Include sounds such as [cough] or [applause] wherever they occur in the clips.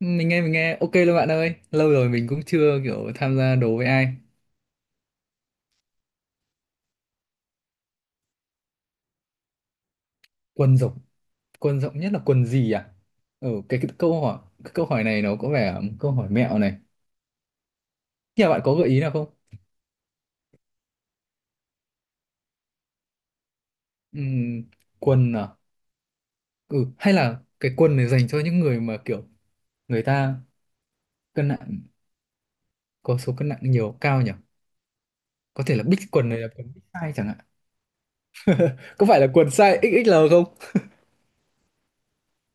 Mình nghe ok luôn bạn ơi, lâu rồi mình cũng chưa kiểu tham gia đố với ai. Quần rộng, quần rộng nhất là quần gì à? Cái câu hỏi, câu hỏi này nó có vẻ là một câu hỏi mẹo này. Nhà bạn có gợi ý nào không? Ừm, Quần à? Ừ, hay là cái quần này dành cho những người mà kiểu người ta cân nặng, có số cân nặng nhiều cao nhỉ. Có thể là big, quần này là quần big size chẳng hạn. Có phải là quần size XXL không?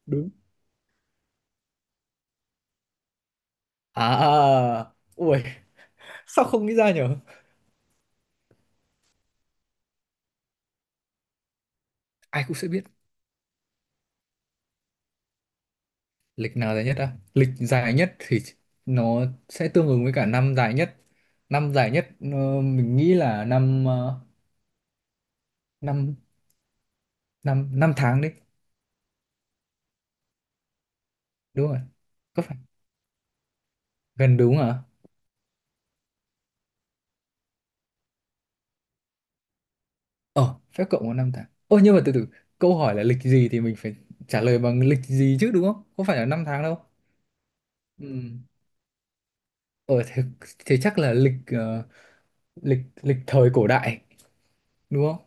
Đúng. À, ui, sao không nghĩ ra nhỉ? Ai cũng sẽ biết. Lịch nào dài nhất á? Lịch dài nhất thì nó sẽ tương ứng với cả năm dài nhất. Năm dài nhất mình nghĩ là năm năm năm năm tháng đấy. Đúng rồi. Có phải gần đúng à? Ờ, Phép cộng có năm tháng. Ôi nhưng mà từ từ, câu hỏi là lịch gì thì mình phải trả lời bằng lịch gì chứ đúng không? Không phải là năm tháng đâu. Ừ. Ờ thế, thế chắc là lịch lịch, lịch thời cổ đại, đúng không?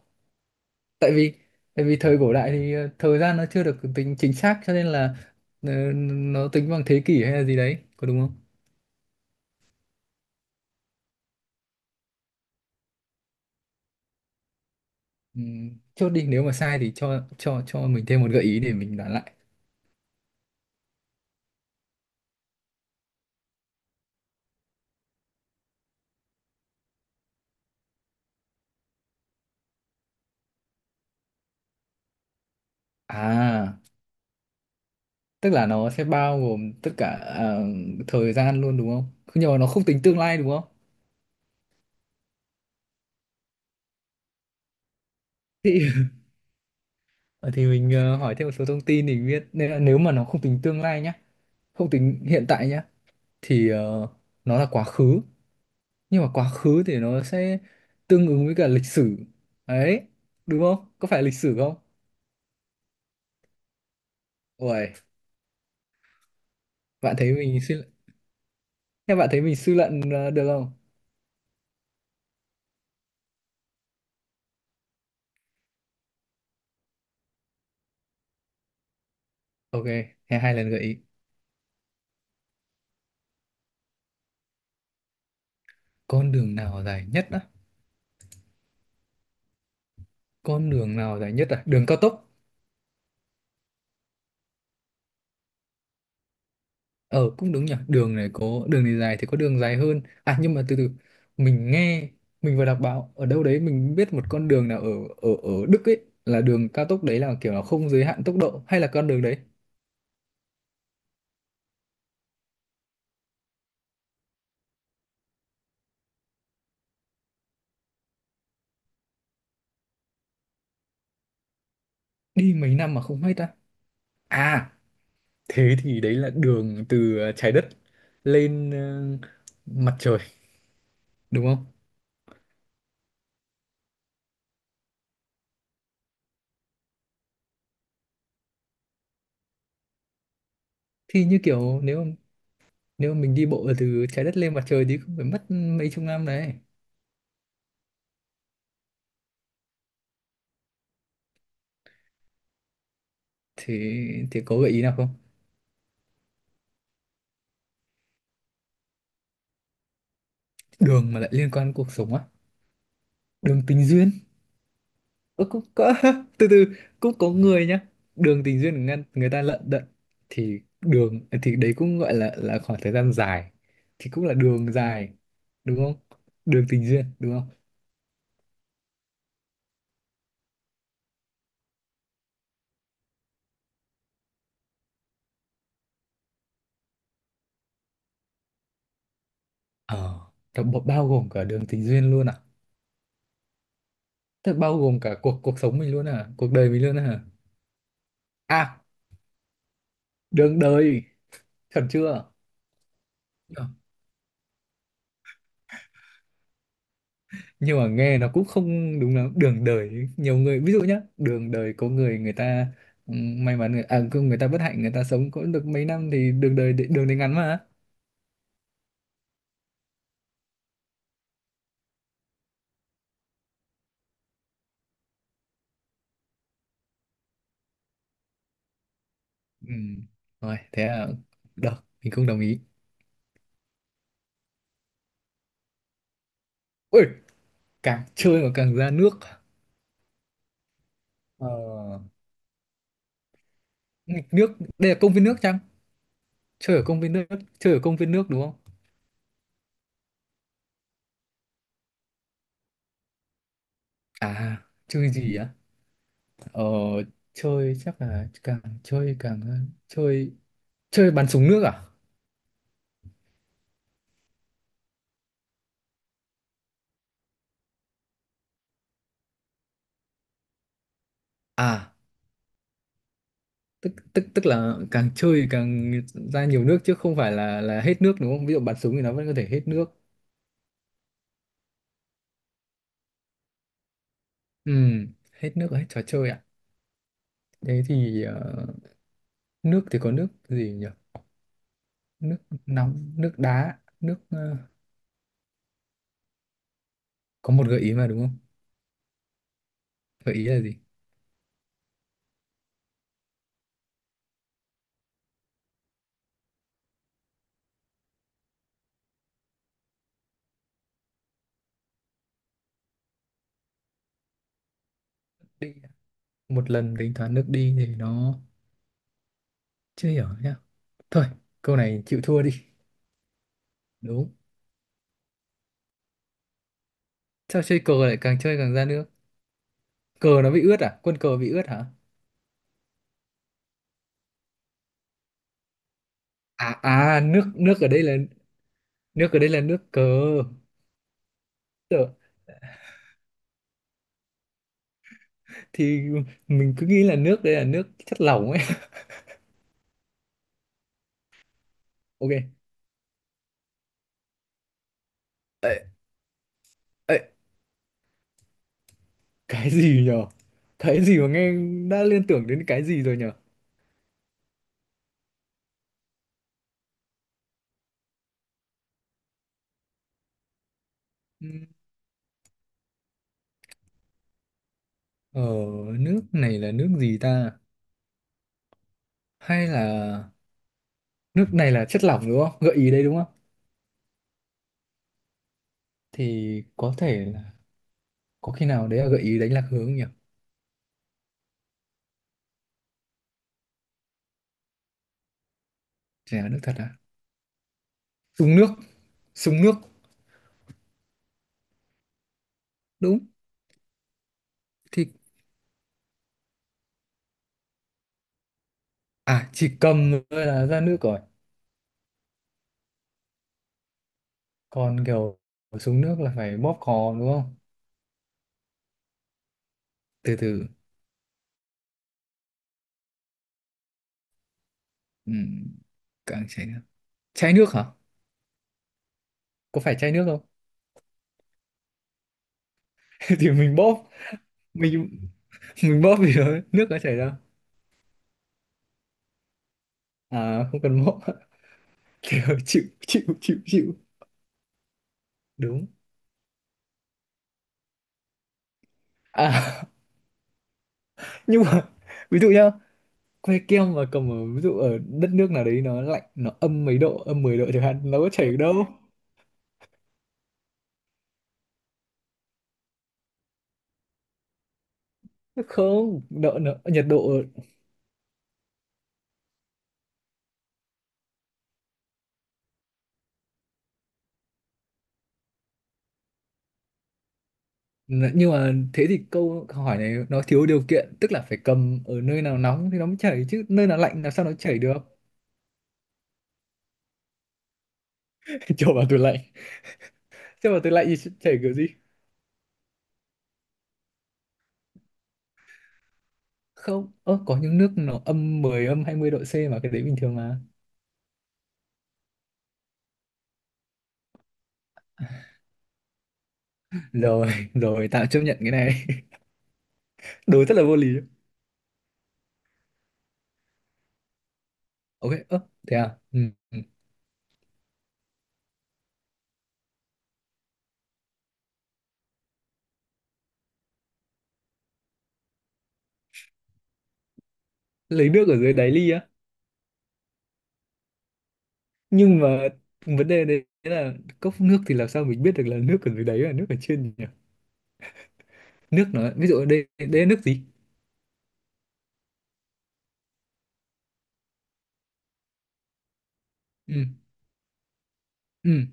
Tại vì thời cổ đại thì thời gian nó chưa được tính chính xác cho nên là nó tính bằng thế kỷ hay là gì đấy, có đúng không? Ừ, chốt đi, nếu mà sai thì cho mình thêm một gợi ý để mình đoán lại. À, tức là nó sẽ bao gồm tất cả ờ, thời gian luôn đúng không? Nhưng mà nó không tính tương lai đúng không? Thì mình hỏi thêm một số thông tin để biết, nên là nếu mà nó không tính tương lai nhá, không tính hiện tại nhá, thì nó là quá khứ. Nhưng mà quá khứ thì nó sẽ tương ứng với cả lịch sử đấy, đúng không? Có phải lịch sử không? Ôi, bạn thấy mình thế bạn thấy mình suy luận được không? Ok, thế hai lần gợi ý. Con đường nào dài nhất á? Con đường nào dài nhất à? Đường cao tốc. Ờ cũng đúng nhỉ, đường này có đường này dài thì có đường dài hơn à, nhưng mà từ từ mình nghe, mình vừa đọc báo ở đâu đấy, mình biết một con đường nào ở ở ở Đức ấy, là đường cao tốc đấy, là kiểu là không giới hạn tốc độ hay là con đường đấy. Đi mấy năm mà không hết á? À, thế thì đấy là đường từ trái đất lên mặt trời đúng không? Thì như kiểu, nếu nếu mà mình đi bộ từ trái đất lên mặt trời thì cũng phải mất mấy chục năm đấy. Thì có gợi ý nào không? Đường mà lại liên quan đến cuộc sống á? Đường tình duyên. Ơ, cũng có [laughs] từ từ, cũng có người nhá, đường tình duyên người, người ta lận đận, thì đường, thì đấy cũng gọi là khoảng thời gian dài, thì cũng là đường dài, đúng không? Đường tình duyên đúng không? Ờ, nó bao bao gồm cả đường tình duyên luôn à? Thế bao gồm cả cuộc cuộc sống mình luôn à? Cuộc đời mình luôn à? À, đường đời, chuẩn chưa? Ờ, nhưng mà nghe nó cũng không đúng lắm. Đường đời, nhiều người, ví dụ nhá, đường đời có người người ta may mắn, người, à, có người ta bất hạnh, người ta sống có được mấy năm thì đường đời ngắn mà. Ừ, rồi, thế là, được, mình không đồng ý. Ui, càng chơi mà càng ra nước. Ờ, Nghịch nước, đây là công viên nước chăng? Chơi ở công viên nước, đúng không? À, chơi gì á? Ờ, Chơi chắc là càng chơi càng chơi, chơi bắn súng nước à? À, tức tức tức là càng chơi càng ra nhiều nước chứ không phải là hết nước đúng không? Ví dụ bắn súng thì nó vẫn có thể hết nước. Ừ, hết nước hết trò chơi ạ. Thế thì nước thì có nước gì nhỉ? Nước nóng, nước đá, nước có một gợi ý mà đúng không? Gợi ý là gì? Đi. Một lần tính toán nước đi thì nó chưa hiểu nhá. Thôi, câu này chịu thua đi. Đúng. Sao chơi cờ lại càng chơi càng ra nước? Cờ nó bị ướt à? Quân cờ bị ướt hả? À à, nước, nước ở đây là nước cờ. Tờ- Thì mình cứ nghĩ là nước đây là nước chất lỏng ấy. [laughs] Ok. Ê, ê, cái gì nhở? Cái gì mà nghe đã liên tưởng đến cái gì rồi nhở? Ừm, Ờ, nước này là nước gì ta? Hay là nước này là chất lỏng đúng không? Gợi ý đây đúng không? Thì có thể là, có khi nào đấy là gợi ý đánh lạc hướng nhỉ? Chả nước thật à? Súng nước, súng nước. Đúng thì à, chỉ cầm thôi là ra nước rồi. Còn kiểu xuống nước là phải bóp cò đúng không? Từ từ ừ. càng chảy nước, chảy nước hả? Có phải chảy nước không? [laughs] Thì mình bóp, mình mình bóp thì nước nó chảy ra. À không cần bóp. [laughs] Kiểu chịu chịu chịu chịu đúng à. [laughs] Nhưng mà ví dụ nhá, que kem mà cầm ở ví dụ ở đất nước nào đấy nó lạnh, nó âm mấy độ, âm 10 độ chẳng hạn, nó có chảy được đâu. Không độ, nó nhiệt độ. Nhưng mà thế thì câu hỏi này nó thiếu điều kiện, tức là phải cầm ở nơi nào nóng thì nó mới chảy chứ nơi nào lạnh làm sao nó chảy được. [laughs] Cho vào tủ lạnh, thì chảy kiểu gì? Không, ơ, có những nước nó âm mười, âm 20 độ C mà, cái đấy bình thường mà. Rồi, [laughs] rồi tạm chấp nhận cái này. [laughs] Đối rất là vô lý. Ok, ơ, thế à. Ừ. ừ. Lấy nước ở dưới đáy ly á? Nhưng mà vấn đề đấy là cốc nước thì làm sao mình biết được là nước ở dưới đáy là nước ở trên nhỉ? Nước nó ví dụ ở đây, đây là nước gì? Ừ, ừ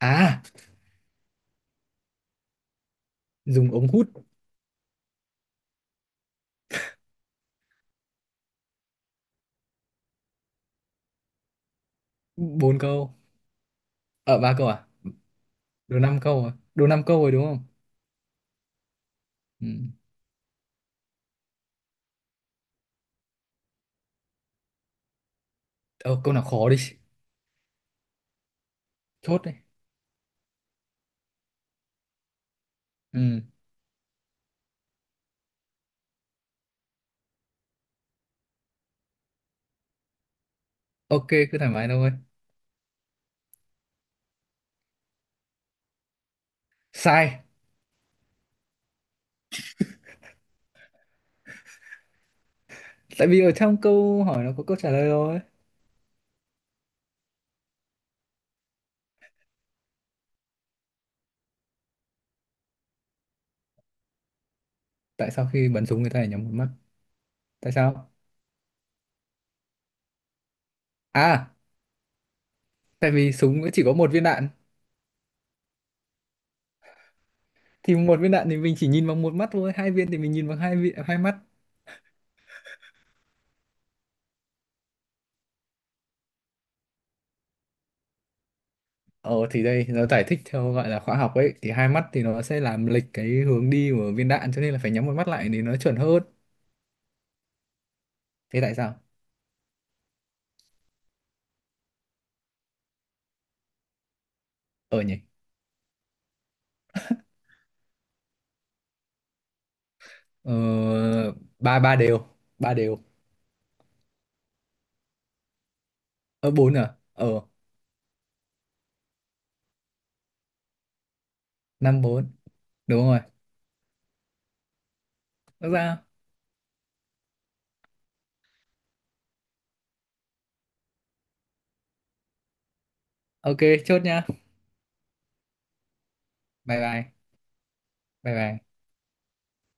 à, dùng ống hút. Bốn câu. Ở, ba câu à? Đồ năm câu à, đồ năm câu rồi đúng không? Ừ. Ờ, câu nào khó đi, chốt đi. Ừ. Ok, cứ thoải mái thôi. Sai. Tại vì ở trong câu hỏi nó có câu trả lời rồi. Tại sao khi bắn súng người ta lại nhắm một mắt? Tại sao à? Tại vì súng chỉ có một viên đạn. Thì một viên đạn thì mình chỉ nhìn bằng một mắt thôi, hai viên thì mình nhìn bằng hai hai mắt. Ờ thì đây nó giải thích theo gọi là khoa học ấy, thì hai mắt thì nó sẽ làm lệch cái hướng đi của viên đạn cho nên là phải nhắm một mắt lại thì nó chuẩn hơn. Thế tại sao? Ờ nhỉ. Ờ, ba, ba đều. Ba đều. Ở bốn à? Ờ, năm bốn. Đúng rồi. Rõ ra. Ok, chốt nha. Bye bye. bye bye